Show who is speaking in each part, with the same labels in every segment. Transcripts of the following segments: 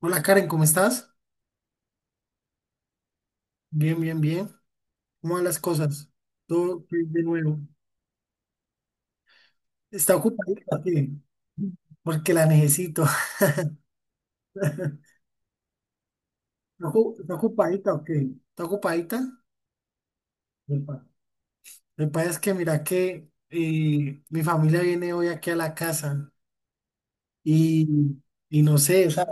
Speaker 1: Hola Karen, ¿cómo estás? Bien, bien, bien. ¿Cómo van las cosas? Todo bien de nuevo. ¿Está ocupadita? ¿Qué? Porque la necesito. ¿Está está ocupadita o qué? ¿Está ocupadita? Epa. Lo que pasa es que mira que mi familia viene hoy aquí a la casa y, y no sé, o sea,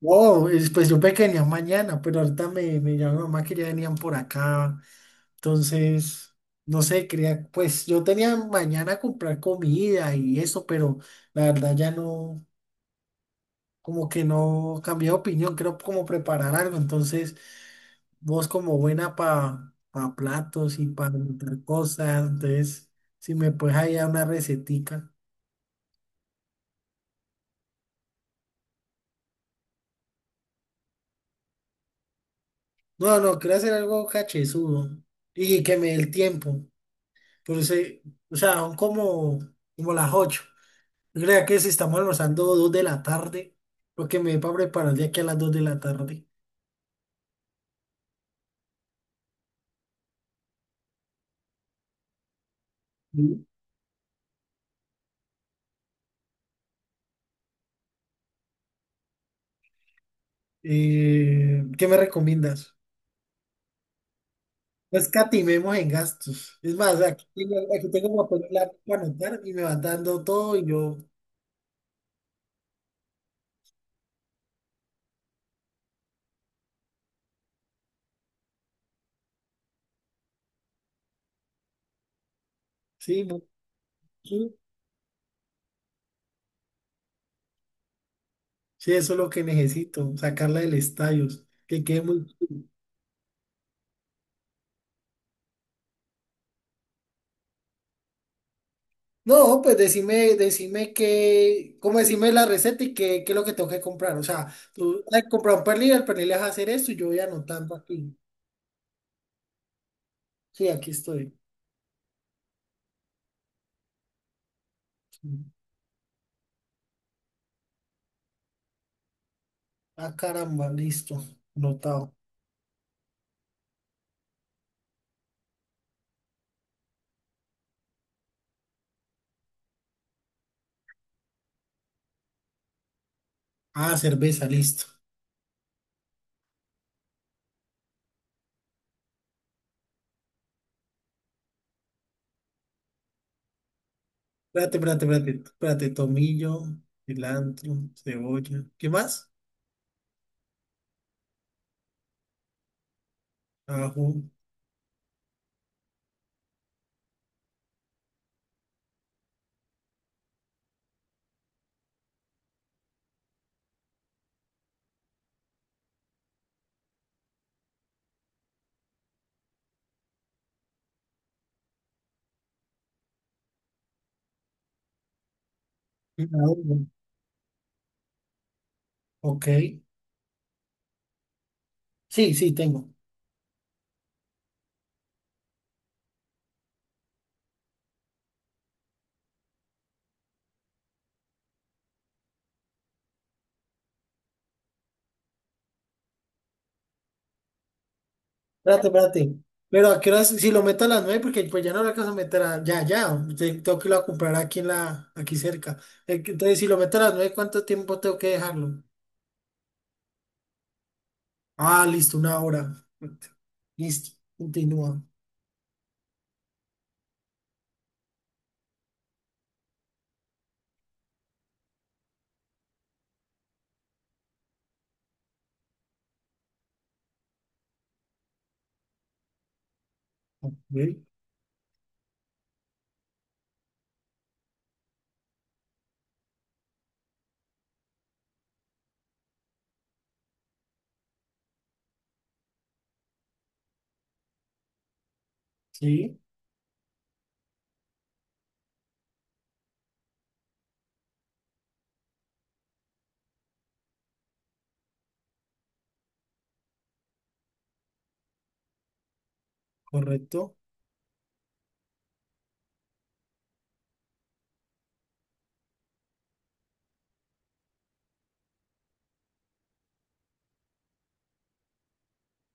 Speaker 1: no, pues yo pequeña mañana, pero ahorita me llamó mamá que ya venían por acá. Entonces, no sé, quería, pues yo tenía mañana comprar comida y eso, pero la verdad ya no, como que no cambié de opinión, quiero como preparar algo. Entonces, vos como buena para platos y para montar cosas, entonces, si me puedes ahí dar una recetica. No, no, quiero hacer algo cachezudo y que me dé el tiempo. Por eso, o sea, son como las 8. Crea que si estamos almorzando 2 de la tarde, lo que me para preparar de aquí a las 2 de la tarde. Mm. ¿Qué me recomiendas? No escatimemos en gastos. Es más, aquí tengo como papel y lápiz para anotar y me van dando todo y yo, sí, sí, sí, eso es lo que necesito, sacarla del estadio, que quede muy... No, pues decime que, como decime la receta y qué es lo que tengo que comprar. O sea, tú has comprado un pernil, al pernil le vas a hacer esto y yo voy anotando aquí. Sí, aquí estoy. Ah, caramba, listo. Notado. Ah, cerveza, listo. Espérate, espérate, espérate. Espérate, tomillo, cilantro, cebolla. ¿Qué más? Ajo. ajo, Ok. Sí, sí, tengo. Espérate, espérate. Pero a qué horas, si lo meto a las 9, porque pues ya no lo alcanzo a meter ya, ya. Tengo que ir a comprar aquí en aquí cerca. Entonces, si lo meto a las nueve, ¿cuánto tiempo tengo que dejarlo? Ah, listo, una hora. Listo. Continúa. Ok. Sí, correcto.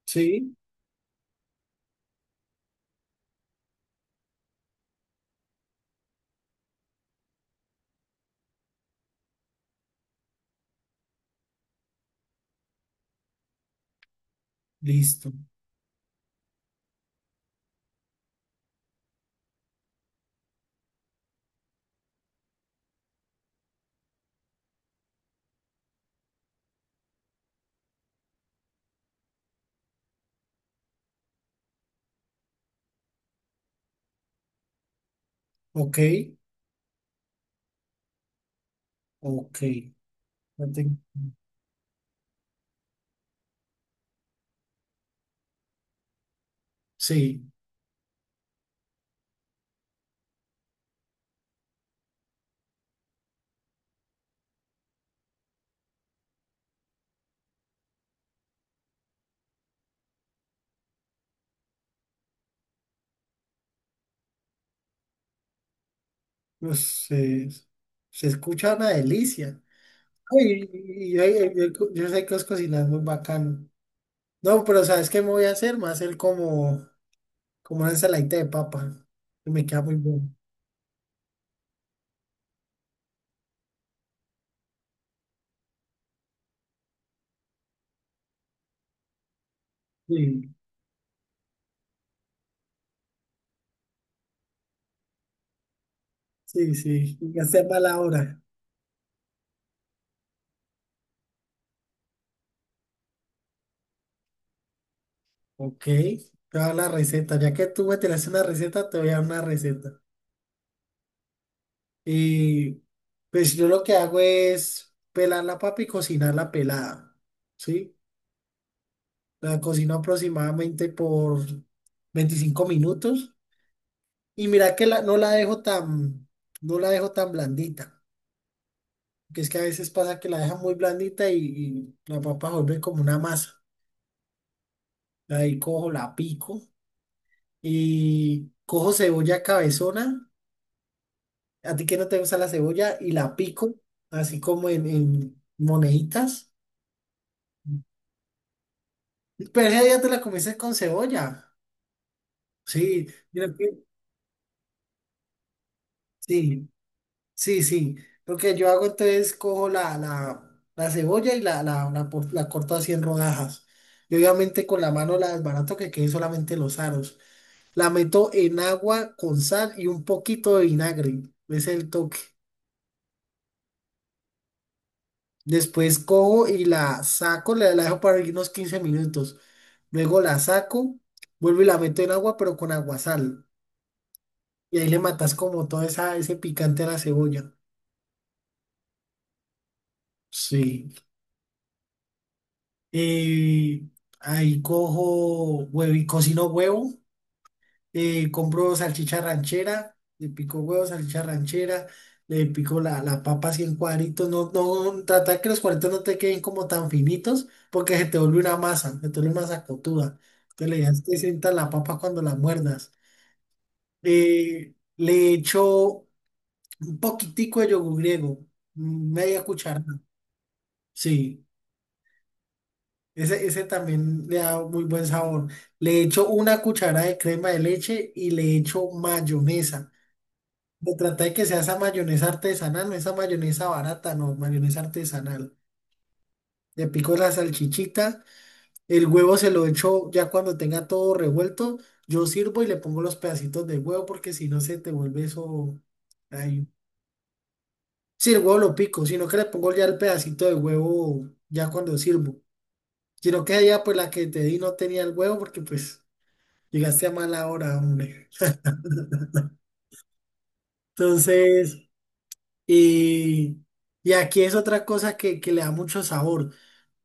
Speaker 1: Sí, listo. Ok, ok. No te- Sí, pues, se escucha una delicia. Uy, y hay- hay- hay yo sé que os cocinas muy bacano. No, pero ¿sabes qué me voy a hacer? Me voy a hacer como una ensaladita de papa, que me queda muy bueno. Sí, sí, sí. Y ya sea mala hora. Ok, te voy a dar la receta. Ya que tú me tiraste una receta, te voy a dar una receta. Y pues yo lo que hago es pelar la papa y cocinarla pelada, ¿sí? La cocino aproximadamente por 25 minutos y mira que no la dejo tan, no la dejo tan blandita, que es que a veces pasa que la dejan muy blandita y la papa vuelve como una masa. Ahí cojo, la pico y cojo cebolla cabezona, a ti que no te gusta la cebolla, y la pico así como en moneditas. Pero ese día te la comiste con cebolla. Sí, sí, sí, sí. Lo que yo hago entonces cojo la cebolla y la corto así en rodajas. Y obviamente con la mano la desbarato que queden solamente los aros. La meto en agua con sal y un poquito de vinagre. Ese es el toque. Después cojo y la saco, la dejo para unos 15 minutos. Luego la saco, vuelvo y la meto en agua, pero con aguasal. Y ahí le matas como todo esa, ese picante a la cebolla. Sí. Eh, ahí cojo huevo y cocino huevo. Eh, compro salchicha ranchera. Le pico huevo, salchicha ranchera. Le pico la papa así en cuadritos. No, no, tratar que los cuadritos no te queden como tan finitos porque se te vuelve una masa. Se te vuelve una sacotuda. Entonces le dejas que sienta la papa cuando la muerdas. Le echo un poquitico de yogur griego. Media cucharada. Sí. Ese también le da muy buen sabor. Le echo una cucharada de crema de leche y le echo mayonesa. Me trata de que sea esa mayonesa artesanal, no esa mayonesa barata, no, mayonesa artesanal. Le pico la salchichita, el huevo se lo echo ya cuando tenga todo revuelto. Yo sirvo y le pongo los pedacitos de huevo porque si no se te vuelve eso. Ay. Sí, el huevo lo pico, sino que le pongo ya el pedacito de huevo ya cuando sirvo. Sino que allá pues la que te di no tenía el huevo porque pues. Llegaste a mala hora, hombre. Entonces, y, y aquí es otra cosa que le da mucho sabor.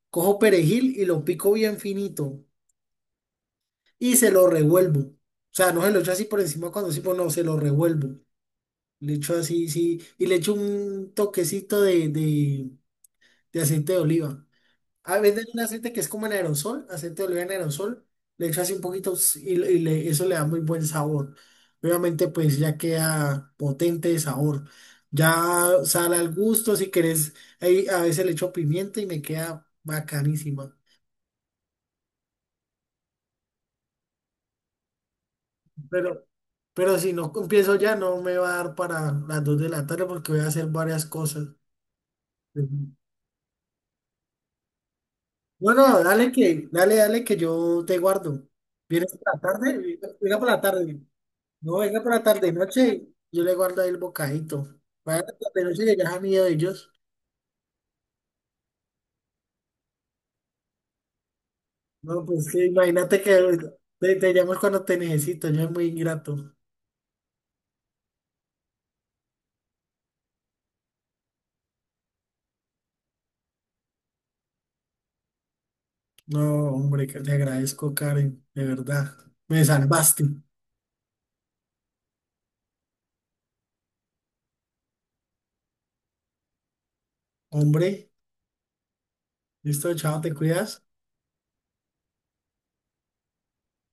Speaker 1: Cojo perejil y lo pico bien finito y se lo revuelvo. O sea, no se lo echo así por encima cuando sí, pues no, se lo revuelvo. Le echo así, sí, y le echo un toquecito de aceite de oliva. A venden un aceite que es como en aerosol, aceite de oliva en aerosol. Le echo así un poquito y eso le da muy buen sabor. Obviamente, pues ya queda potente de sabor. Ya sal al gusto, si querés. Ahí a veces le echo pimienta y me queda bacanísima. Pero, pero si no empiezo ya, no me va a dar para las 2 de la tarde porque voy a hacer varias cosas. Ujú. No, no, dale que yo te guardo. ¿Vienes por la tarde? Venga por la tarde. No, venga por la tarde y noche, yo le guardo ahí el bocadito. Vaya la tarde y noche que ya es amigo de ellos. No, pues sí, imagínate que ahorita te llamas cuando te necesito, yo es muy ingrato. No, hombre, que te agradezco, Karen, de verdad. Me salvaste. Hombre, listo, chao, te cuidas.